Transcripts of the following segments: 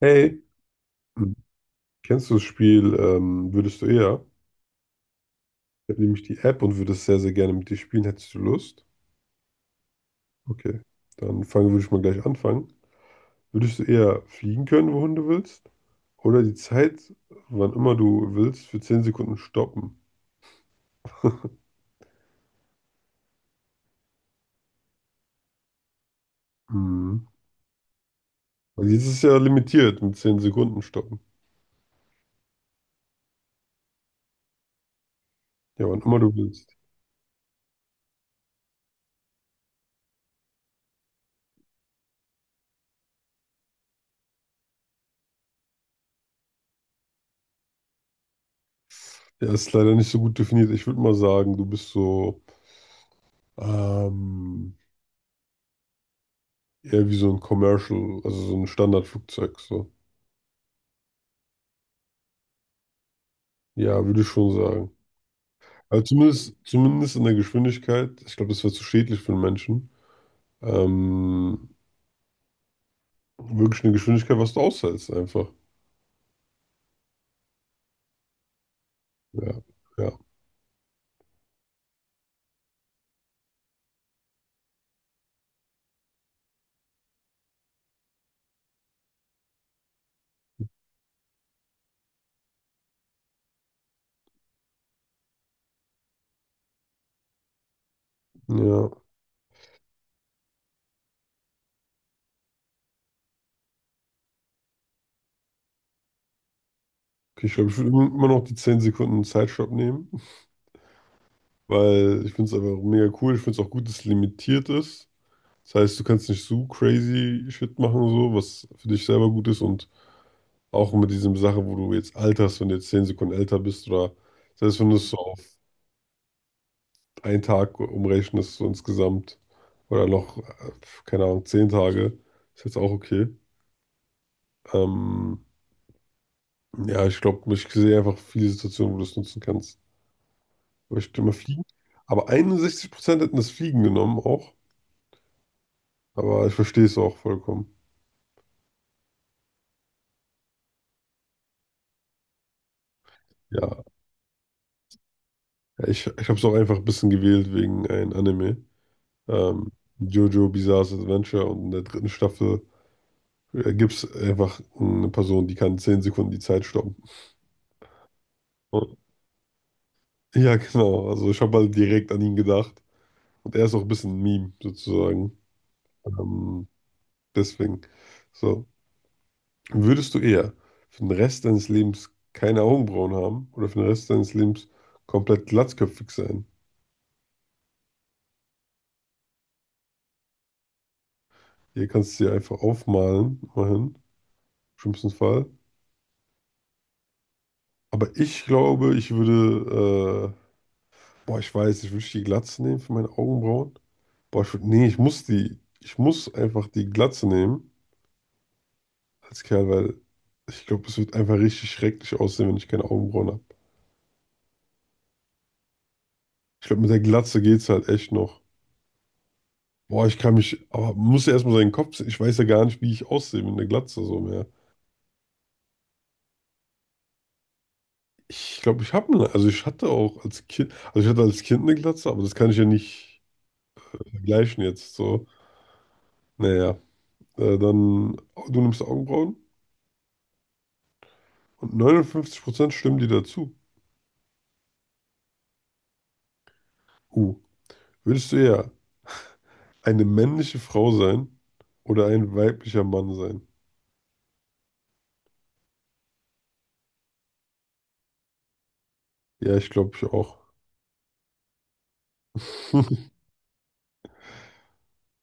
Hey, hm, kennst du das Spiel Würdest du eher? Ich habe nämlich die App und würde es sehr, sehr gerne mit dir spielen. Hättest du Lust? Okay, dann fangen würde ich mal gleich anfangen. Würdest du eher fliegen können, wohin du willst? Oder die Zeit, wann immer du willst, für 10 Sekunden stoppen? Mhm. Weil jetzt ist ja limitiert mit 10 Sekunden stoppen. Ja, wann immer du willst. Ja, ist leider nicht so gut definiert. Ich würde mal sagen, du bist so ähm, eher wie so ein Commercial, also so ein Standardflugzeug. So. Ja, würde ich schon sagen. Also zumindest in der Geschwindigkeit, ich glaube, das wäre zu schädlich für den Menschen. Ähm, Wirklich eine Geschwindigkeit, was du aushältst, einfach. Ja, ja, ja. Okay, ich glaube, ich würde immer noch die 10 Sekunden Zeitstopp nehmen, weil ich finde es einfach mega cool. Ich finde es auch gut, dass es limitiert ist. Das heißt, du kannst nicht so crazy Shit machen, so, was für dich selber gut ist und auch mit diesem Sache, wo du jetzt alterst, wenn du jetzt 10 Sekunden älter bist oder selbst wenn du es so einen Tag umrechnen, ist so insgesamt, oder noch, keine Ahnung, 10 Tage, ist jetzt auch okay. Ähm, ja, ich glaube, ich sehe einfach viele Situationen, wo du es nutzen kannst. Aber ich stimme Fliegen. Aber 61% hätten das Fliegen genommen auch. Aber ich verstehe es auch vollkommen. Ja, ich habe es auch einfach ein bisschen gewählt wegen ein Anime. Ähm, Jojo Bizarre's Adventure und in der dritten Staffel gibt es einfach eine Person, die kann 10 Sekunden die Zeit stoppen. Ja, genau. Also ich habe mal direkt an ihn gedacht. Und er ist auch ein bisschen ein Meme, sozusagen. Ähm, Deswegen. So. Würdest du eher für den Rest deines Lebens keine Augenbrauen haben oder für den Rest deines Lebens komplett glatzköpfig sein? Hier kannst du sie einfach aufmalen, immerhin, im schlimmsten Fall. Aber ich glaube, ich würde, boah, ich weiß, ich würde die Glatze nehmen für meine Augenbrauen. Boah, nee, ich muss einfach die Glatze nehmen als Kerl, weil ich glaube, es wird einfach richtig schrecklich aussehen, wenn ich keine Augenbrauen habe. Ich glaube, mit der Glatze geht's halt echt noch. Boah, aber muss ja erstmal seinen Kopf sehen. Ich weiß ja gar nicht, wie ich aussehe mit einer Glatze so mehr. Ich glaube, also ich hatte als Kind eine Glatze, aber das kann ich ja nicht vergleichen jetzt so. Naja, dann, du nimmst Augenbrauen und 59% stimmen dir dazu. Uh, Würdest du eher eine männliche Frau sein oder ein weiblicher Mann sein? Ja, ich glaube, ich auch.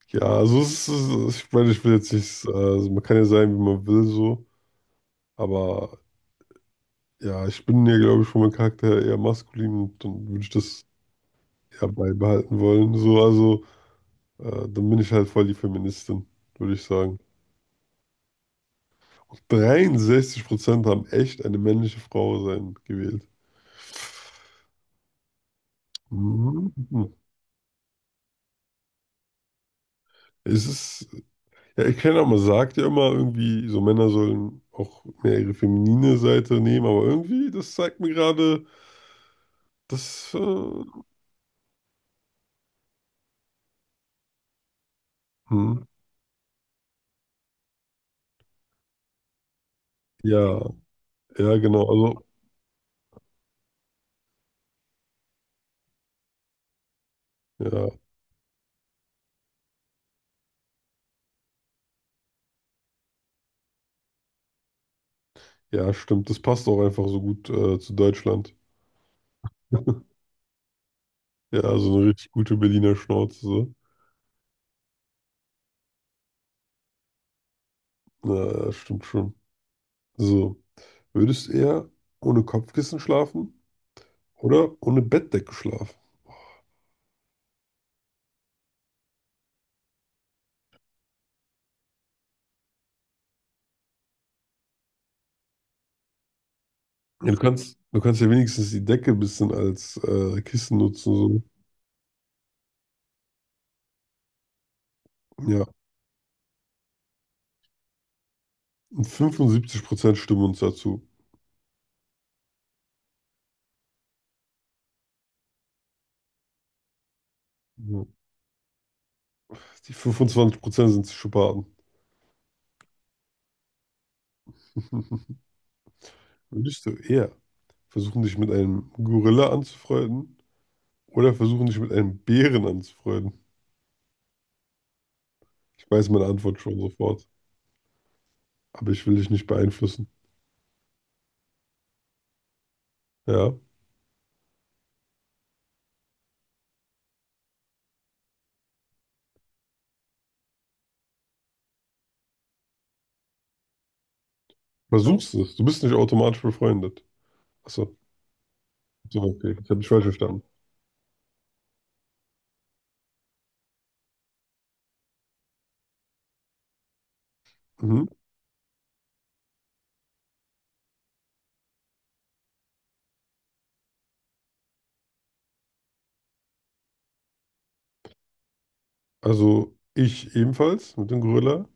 Ja, also es ist, ich meine, ich will jetzt nicht, also man kann ja sein, wie man will, so, aber ja, ich bin ja, glaube ich, von meinem Charakter eher maskulin und dann würde ich das eher beibehalten wollen, so, also dann bin ich halt voll die Feministin, würde ich sagen. 63% haben echt eine männliche Frau sein gewählt. Mhm. Es ist, ja, ich kenne, auch man sagt ja immer irgendwie, so Männer sollen auch mehr ihre feminine Seite nehmen, aber irgendwie, das zeigt mir gerade, dass, hm, ja, ja, genau. Also, ja, ja, stimmt. Das passt auch einfach so gut zu Deutschland. Ja, also eine richtig gute Berliner Schnauze. So. Na, das stimmt schon. So, würdest du eher ohne Kopfkissen schlafen oder ohne Bettdecke schlafen? Ja, du kannst ja wenigstens die Decke ein bisschen als Kissen nutzen. So. Ja, und 75% stimmen uns dazu. Ja. Die 25% sind Psychopathen. Würdest du eher versuchen, dich mit einem Gorilla anzufreunden oder versuchen, dich mit einem Bären anzufreunden. Ich weiß meine Antwort schon sofort, aber ich will dich nicht beeinflussen. Ja, versuchst es. Du bist nicht automatisch befreundet. Achso, so, so, okay. Ich habe dich falsch verstanden. Mhm. Also ich ebenfalls mit dem Gorilla,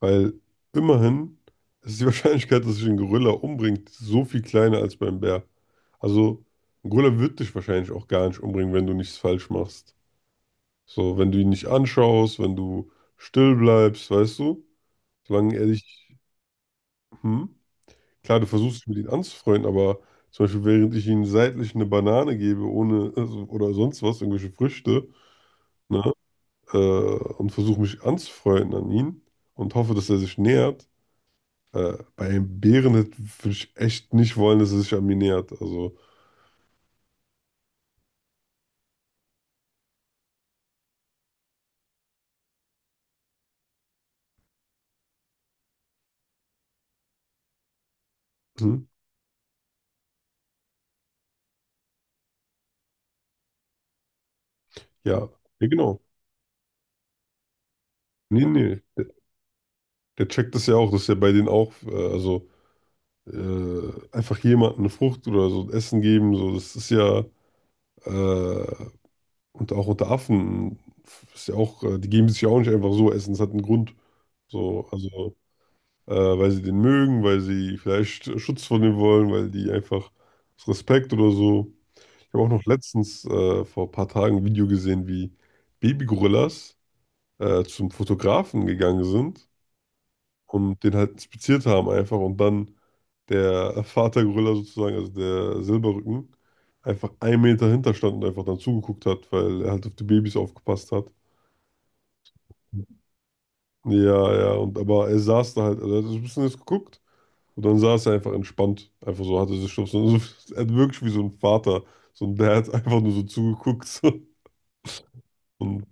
weil immerhin ist die Wahrscheinlichkeit, dass sich ein Gorilla umbringt, so viel kleiner als beim Bär. Also ein Gorilla wird dich wahrscheinlich auch gar nicht umbringen, wenn du nichts falsch machst. So, wenn du ihn nicht anschaust, wenn du still bleibst, weißt du? Solange er dich... Hm? Klar, du versuchst dich mit ihm anzufreunden, aber zum Beispiel, während ich ihm seitlich eine Banane gebe, ohne also, oder sonst was, irgendwelche Früchte, ne, und versuche mich anzufreunden an ihn und hoffe, dass er sich nähert. Bei einem Bären würde ich echt nicht wollen, dass er sich an mich nähert. Also, hm, ja, ja, genau. Nee, nee, der checkt das ja auch, dass er bei denen auch, also einfach jemandem eine Frucht oder so Essen geben, so, das ist ja. Äh, Und auch unter Affen ist ja auch, die geben sich ja auch nicht einfach so Essen, es hat einen Grund. So, also, weil sie den mögen, weil sie vielleicht Schutz von dem wollen, weil die einfach aus Respekt oder so. Ich habe auch noch letztens vor ein paar Tagen ein Video gesehen, wie Babygorillas zum Fotografen gegangen sind und den halt inspiziert haben einfach und dann der Vatergorilla sozusagen, also der Silberrücken, einfach 1 Meter hinter stand und einfach dann zugeguckt hat, weil er halt auf die Babys aufgepasst hat. Ja, ja, und aber er saß da halt, also er hat so ein bisschen jetzt geguckt und dann saß er einfach entspannt. Einfach so, hatte sich schon so, er hat wirklich wie so ein Vater, so ein Dad einfach nur so zugeguckt. So. Und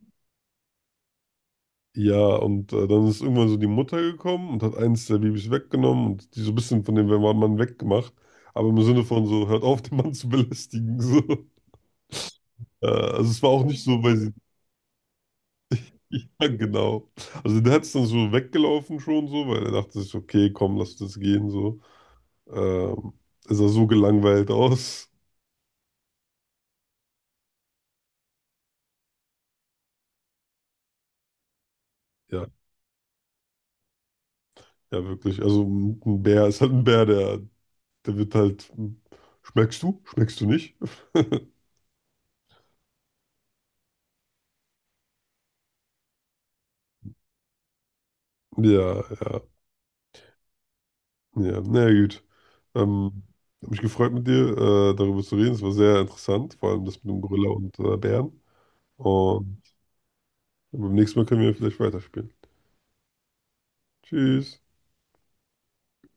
ja, und dann ist irgendwann so die Mutter gekommen und hat eins der Babys weggenommen und die so ein bisschen von dem Mann weggemacht, aber im Sinne von so, hört auf, den Mann zu belästigen. So. Also es war auch nicht so, weil sie, ja, genau. Also der hat es dann so weggelaufen schon so, weil er dachte sich, so, okay, komm, lass das gehen so. Ähm, Er sah so gelangweilt aus. Ja, ja, wirklich. Also ein Bär ist halt ein Bär, der wird halt. Schmeckst du? Schmeckst du nicht? Ja, ja, ja. Na ja, gut. Ähm, Hab mich gefreut mit dir, darüber zu reden. Es war sehr interessant, vor allem das mit dem Gorilla und Bären. Und beim nächsten Mal können wir vielleicht weiterspielen. Tschüss.